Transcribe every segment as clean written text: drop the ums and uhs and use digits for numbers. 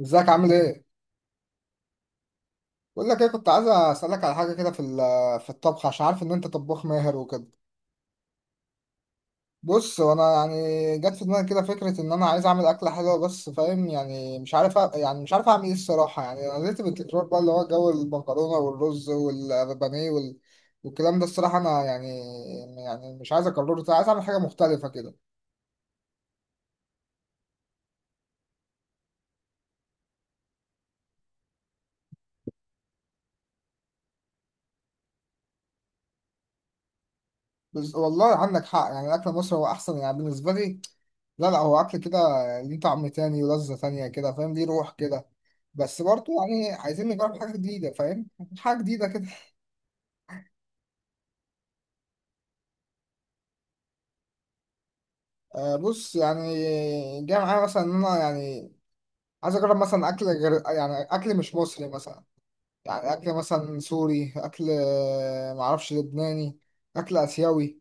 ازيك عامل ايه؟ بقول لك ايه، كنت عايز اسالك على حاجه كده في الطبخ، عشان عارف ان انت طباخ ماهر وكده. بص، وانا يعني جت في دماغي كده فكره ان انا عايز اعمل اكله حلوه، بس فاهم، يعني مش عارف يعني مش عارف اعمل ايه الصراحه. يعني انا زهقت بالتكرار بقى، اللي هو جو المكرونه والرز والبانيه والكلام ده الصراحه. انا يعني مش عايز اكرره تاني، عايز اعمل حاجه مختلفه كده. بس والله عندك حق، يعني اكل مصر هو احسن يعني بالنسبه لي. لا لا، هو اكل كده ليه طعم تاني ولذه تانيه كده، فاهم؟ ليه روح كده. بس برضه يعني عايزين نجرب حاجة جديدة، فاهم؟ حاجة جديدة كده. آه، بص يعني جاي معايا مثلا إن أنا يعني عايز أجرب مثلا أكل غير، يعني أكل مش مصري مثلا. يعني أكل مثلا سوري، أكل معرفش، لبناني، أكل آسيوي.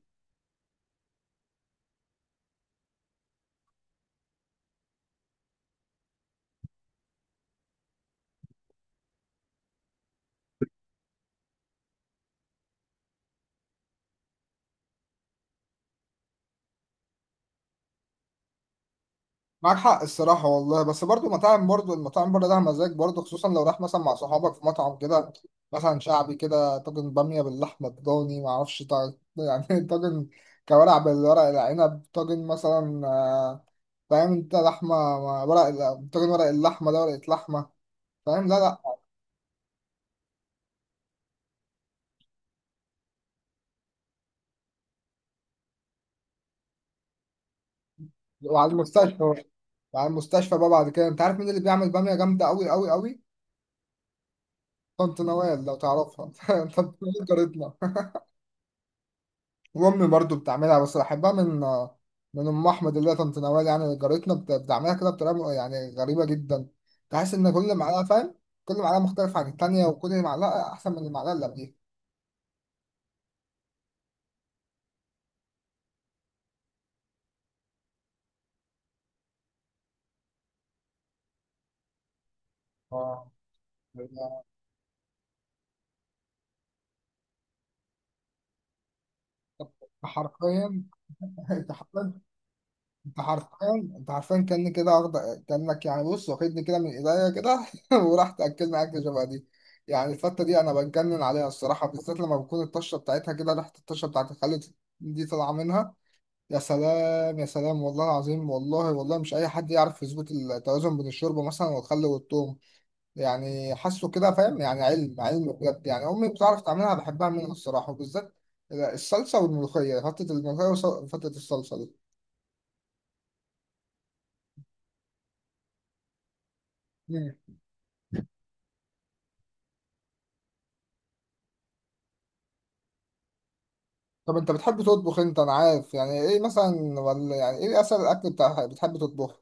معاك حق الصراحة والله، بس برضو مطاعم، برضو المطاعم بره ده مزاج برضو، خصوصا لو راح مثلا مع صحابك في مطعم كده، مثلا شعبي كده، طاجن بامية باللحمة الضاني، معرفش طاجن كوارع بالورق العنب، طاجن مثلا فاهم انت؟ لحمة مع ورق طاجن ورق اللحمة ده، ورقة لحمة. فاهم؟ لا لا. وعلى المستشفى. وعلى المستشفى بقى بعد كده. انت عارف مين اللي بيعمل بامية جامدة أوي أوي أوي؟ طنط نوال لو تعرفها. طنط نوال جارتنا. وامي برضو بتعملها، بس بحبها من ام احمد، اللي هي طنط نوال، يعني جارتنا، بتعملها كده بطريقه يعني غريبه جدا. تحس ان كل معلقه، فاهم، كل معلقه مختلفه عن التانيه، وكل معلقه احسن من المعلقه اللي قبليها. اه، حرفيا. انت حرفيا، انت حرفيا، انت حرفيا كأني كده واخد. كأنك يعني بص واخدني كده من ايديا كده. وراح تاكلني اكل شبه دي. يعني الفته دي انا بتجنن عليها الصراحه، بالذات لما بكون الطشه بتاعتها كده، ريحه الطشه بتاعت الخل دي طالعه منها. يا سلام، يا سلام، والله العظيم، والله والله مش اي حد يعرف يظبط التوازن بين الشوربه مثلا والخل والثوم. يعني حاسه كده، فاهم، يعني علم علم بجد. يعني امي بتعرف تعملها، بحبها منها الصراحه، وبالذات الصلصه والملوخيه، فتة الملوخيه وفتة الصلصه دي. مم. طب انت بتحب تطبخ انت، انا عارف، يعني ايه مثلا، ولا يعني ايه اسهل الاكل بتاع بتحب تطبخه؟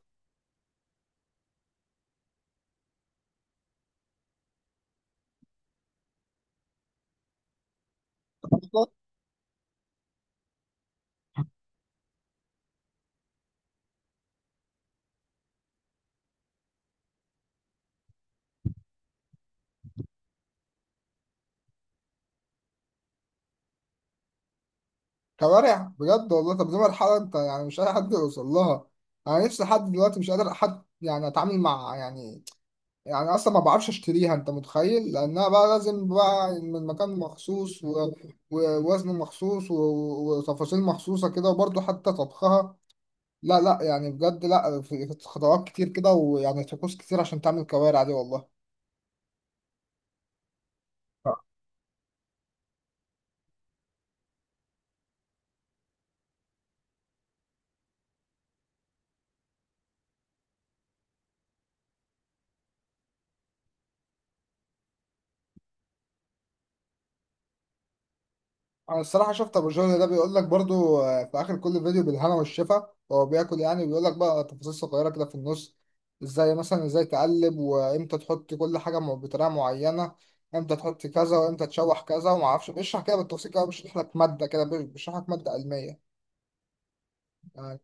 كوارع بجد والله؟ طب دي مرحله، انت يعني مش اي حد يوصل لها. انا نفسي لحد دلوقتي مش قادر حد يعني اتعامل مع، يعني، يعني اصلا ما بعرفش اشتريها، انت متخيل؟ لانها بقى لازم بقى من مكان مخصوص ووزن مخصوص وتفاصيل مخصوصة كده، وبرضه حتى طبخها. لا لا، يعني بجد لا، في خطوات كتير كده، ويعني طقوس كتير عشان تعمل كوارع دي والله. انا الصراحه شفت ابو جهل ده، بيقول لك برضو، في اخر كل فيديو، بالهنا والشفا، هو بياكل. يعني بيقول لك بقى تفاصيل صغيره كده في النص، ازاي مثلا، ازاي تقلب، وامتى تحط كل حاجه بطريقه معينه، امتى تحط كذا وامتى تشوح كذا، وما اعرفش، بيشرح كده بالتفصيل كده، بيشرح لك ماده كده، بيشرح لك ماده علميه يعني.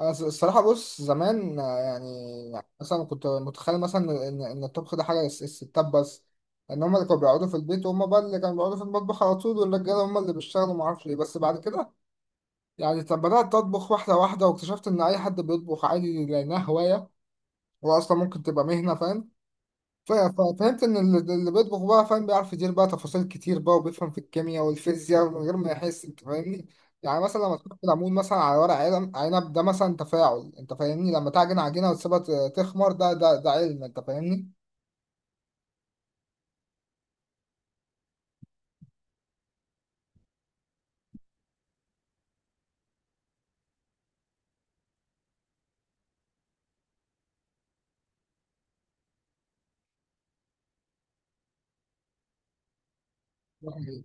انا الصراحه، بص زمان يعني، يعني مثلا كنت متخيل مثلا ان الطبخ ده حاجه الستات بس. ان هم اللي كانوا بيقعدوا في البيت، وهم بقى اللي كانوا بيقعدوا في المطبخ على طول، والرجاله هم اللي بيشتغلوا، ما اعرفش ليه. بس بعد كده يعني، طب بدأت تطبخ واحدة واحدة، واكتشفت إن أي حد بيطبخ عادي، لأنها هواية، هو أصلا ممكن تبقى مهنة، فاهم؟ ففهمت إن اللي بيطبخ بقى فاهم، بيعرف يدير بقى تفاصيل كتير بقى، وبيفهم في الكيمياء والفيزياء من غير ما يحس، أنت فاهمني؟ يعني مثلا لما تحط العمود مثلا على ورق علم عنب ده، مثلا تفاعل، أنت فاهمني؟ لما تعجن عجينة وتسيبها تخمر، ده علم، أنت فاهمني؟ ده حقيقة.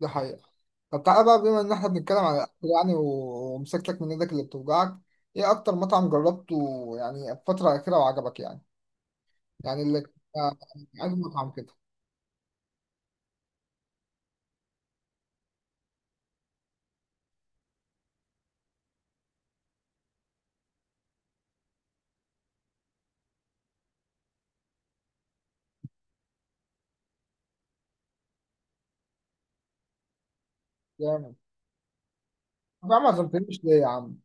ده حقيقة. طب تعالى بقى، بما إن إحنا بنتكلم عن الأكل يعني، ومسكتك من إيدك اللي بتوجعك، إيه أكتر مطعم جربته يعني الفترة الأخيرة وعجبك يعني؟ يعني اللي آه، عندي مطعم كده. جامد. طب يا عم ما عزمتنيش ليه يا عم،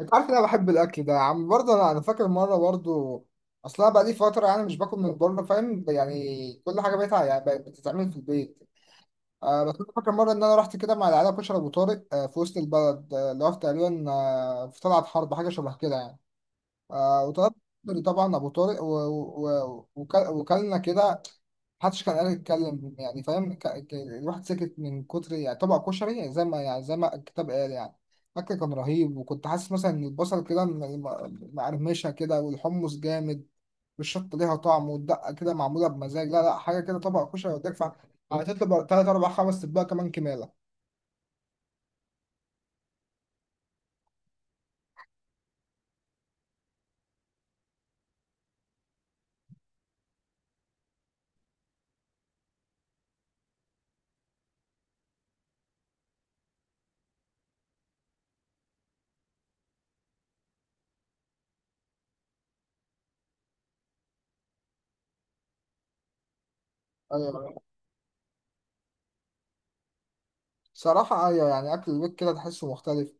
انت عارف ان انا بحب الاكل ده يا عم، برضه انا فاكر مره برضه، اصلا بقى لي فتره يعني مش باكل من بره، فاهم؟ يعني كل حاجه بقت بتتعمل في البيت. بس انا فاكر مره ان انا رحت كده مع العيله، كشري ابو طارق، في وسط البلد، اللي هو في تقريبا في طلعت حرب حاجه شبه كده يعني، وطلبت طبعا ابو طارق وكلنا كده، محدش كان قادر يتكلم، يعني فاهم، الواحد سكت من كتر يعني طبق كشري، يعني زي ما الكتاب قال يعني. الاكل كان رهيب، وكنت حاسس مثلا ان البصل كده مقرمشه كده، والحمص جامد، والشطه ليها طعم، والدقه كده معموله بمزاج. لا لا، حاجه كده طبق كشري وتدفع، هتطلب تلات اربع خمس اطباق كمان كماله. ايوه. صراحة أيوة، يعني أكل البيت كده تحسه مختلف،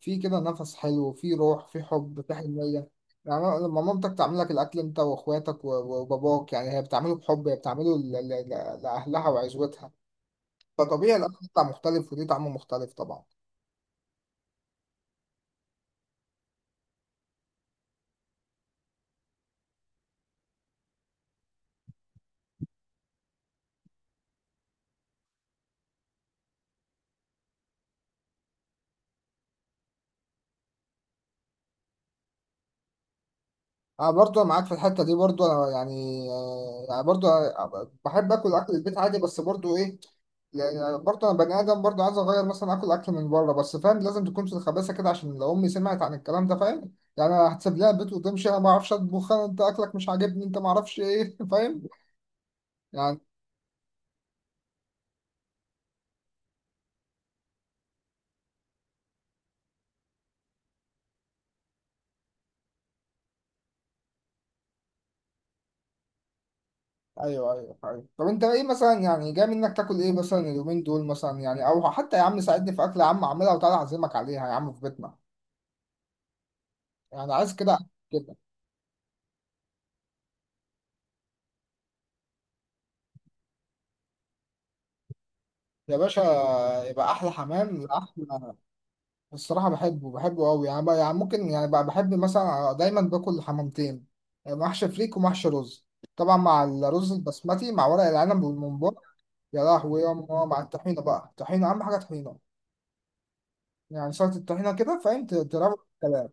فيه كده نفس حلو، فيه روح، فيه حب، فيه حنية. يعني لما مامتك تعمل لك الأكل أنت وأخواتك وباباك، يعني هي بتعمله بحب، هي بتعمله لأهلها وعزوتها، فطبيعي الأكل بتاع مختلف وليه طعم مختلف طبعا. انا برضو معاك في الحته دي، برضو انا يعني يعني برضو أنا بحب اكل البيت عادي، بس برضو ايه، يعني برضو انا بني ادم برضو، عايز اغير مثلا اكل اكل من بره، بس فاهم لازم تكون في الخباثه كده، عشان لو امي سمعت عن الكلام ده، فاهم يعني، أنا هتسيب لها البيت وتمشي، انا ما اعرفش اطبخ، انت اكلك مش عاجبني، انت ما اعرفش ايه فاهم يعني. ايوه ايوه ايوه، طب انت ايه مثلا يعني، جاي منك تاكل ايه مثلا اليومين دول مثلا يعني، او حتى يا عم ساعدني في اكل يا عم، اعملها وتعالى اعزمك عليها يا عم في بيتنا، يعني عايز كده. يا باشا، يبقى احلى حمام احلى. الصراحه بحبه بحبه قوي يعني، بقى يعني ممكن يعني بقى بحب مثلا دايما باكل حمامتين، محشي فريك ومحشي رز، طبعا مع الرز البسمتي مع ورق العنب والممبار، يا لهوي يا ماما، مع الطحينه بقى، الطحينه اهم حاجه، طحينه يعني، سلطه الطحينه كده فاهم، تروق الكلام.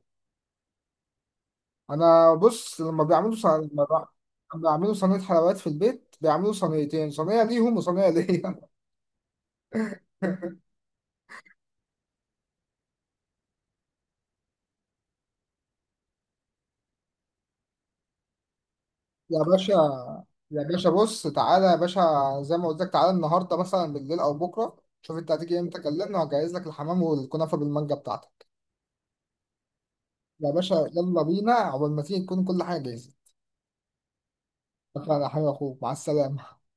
انا بص لما بيعملوا لما بيعملوا صينيه حلويات في البيت، بيعملوا صينيتين، صينيه ليهم وصينيه ليا. يا باشا، يا باشا بص، تعالى يا باشا، زي ما قلت لك، تعالى النهارده مثلا بالليل او بكره، شوف انت هتيجي امتى كلمني، وهجهز لك الحمام والكنافه بالمانجا بتاعتك، يا باشا، يلا بينا، عقبال ما تيجي تكون كل حاجه جاهزه. شكرا يا حبيبي، اخوك، مع السلامه.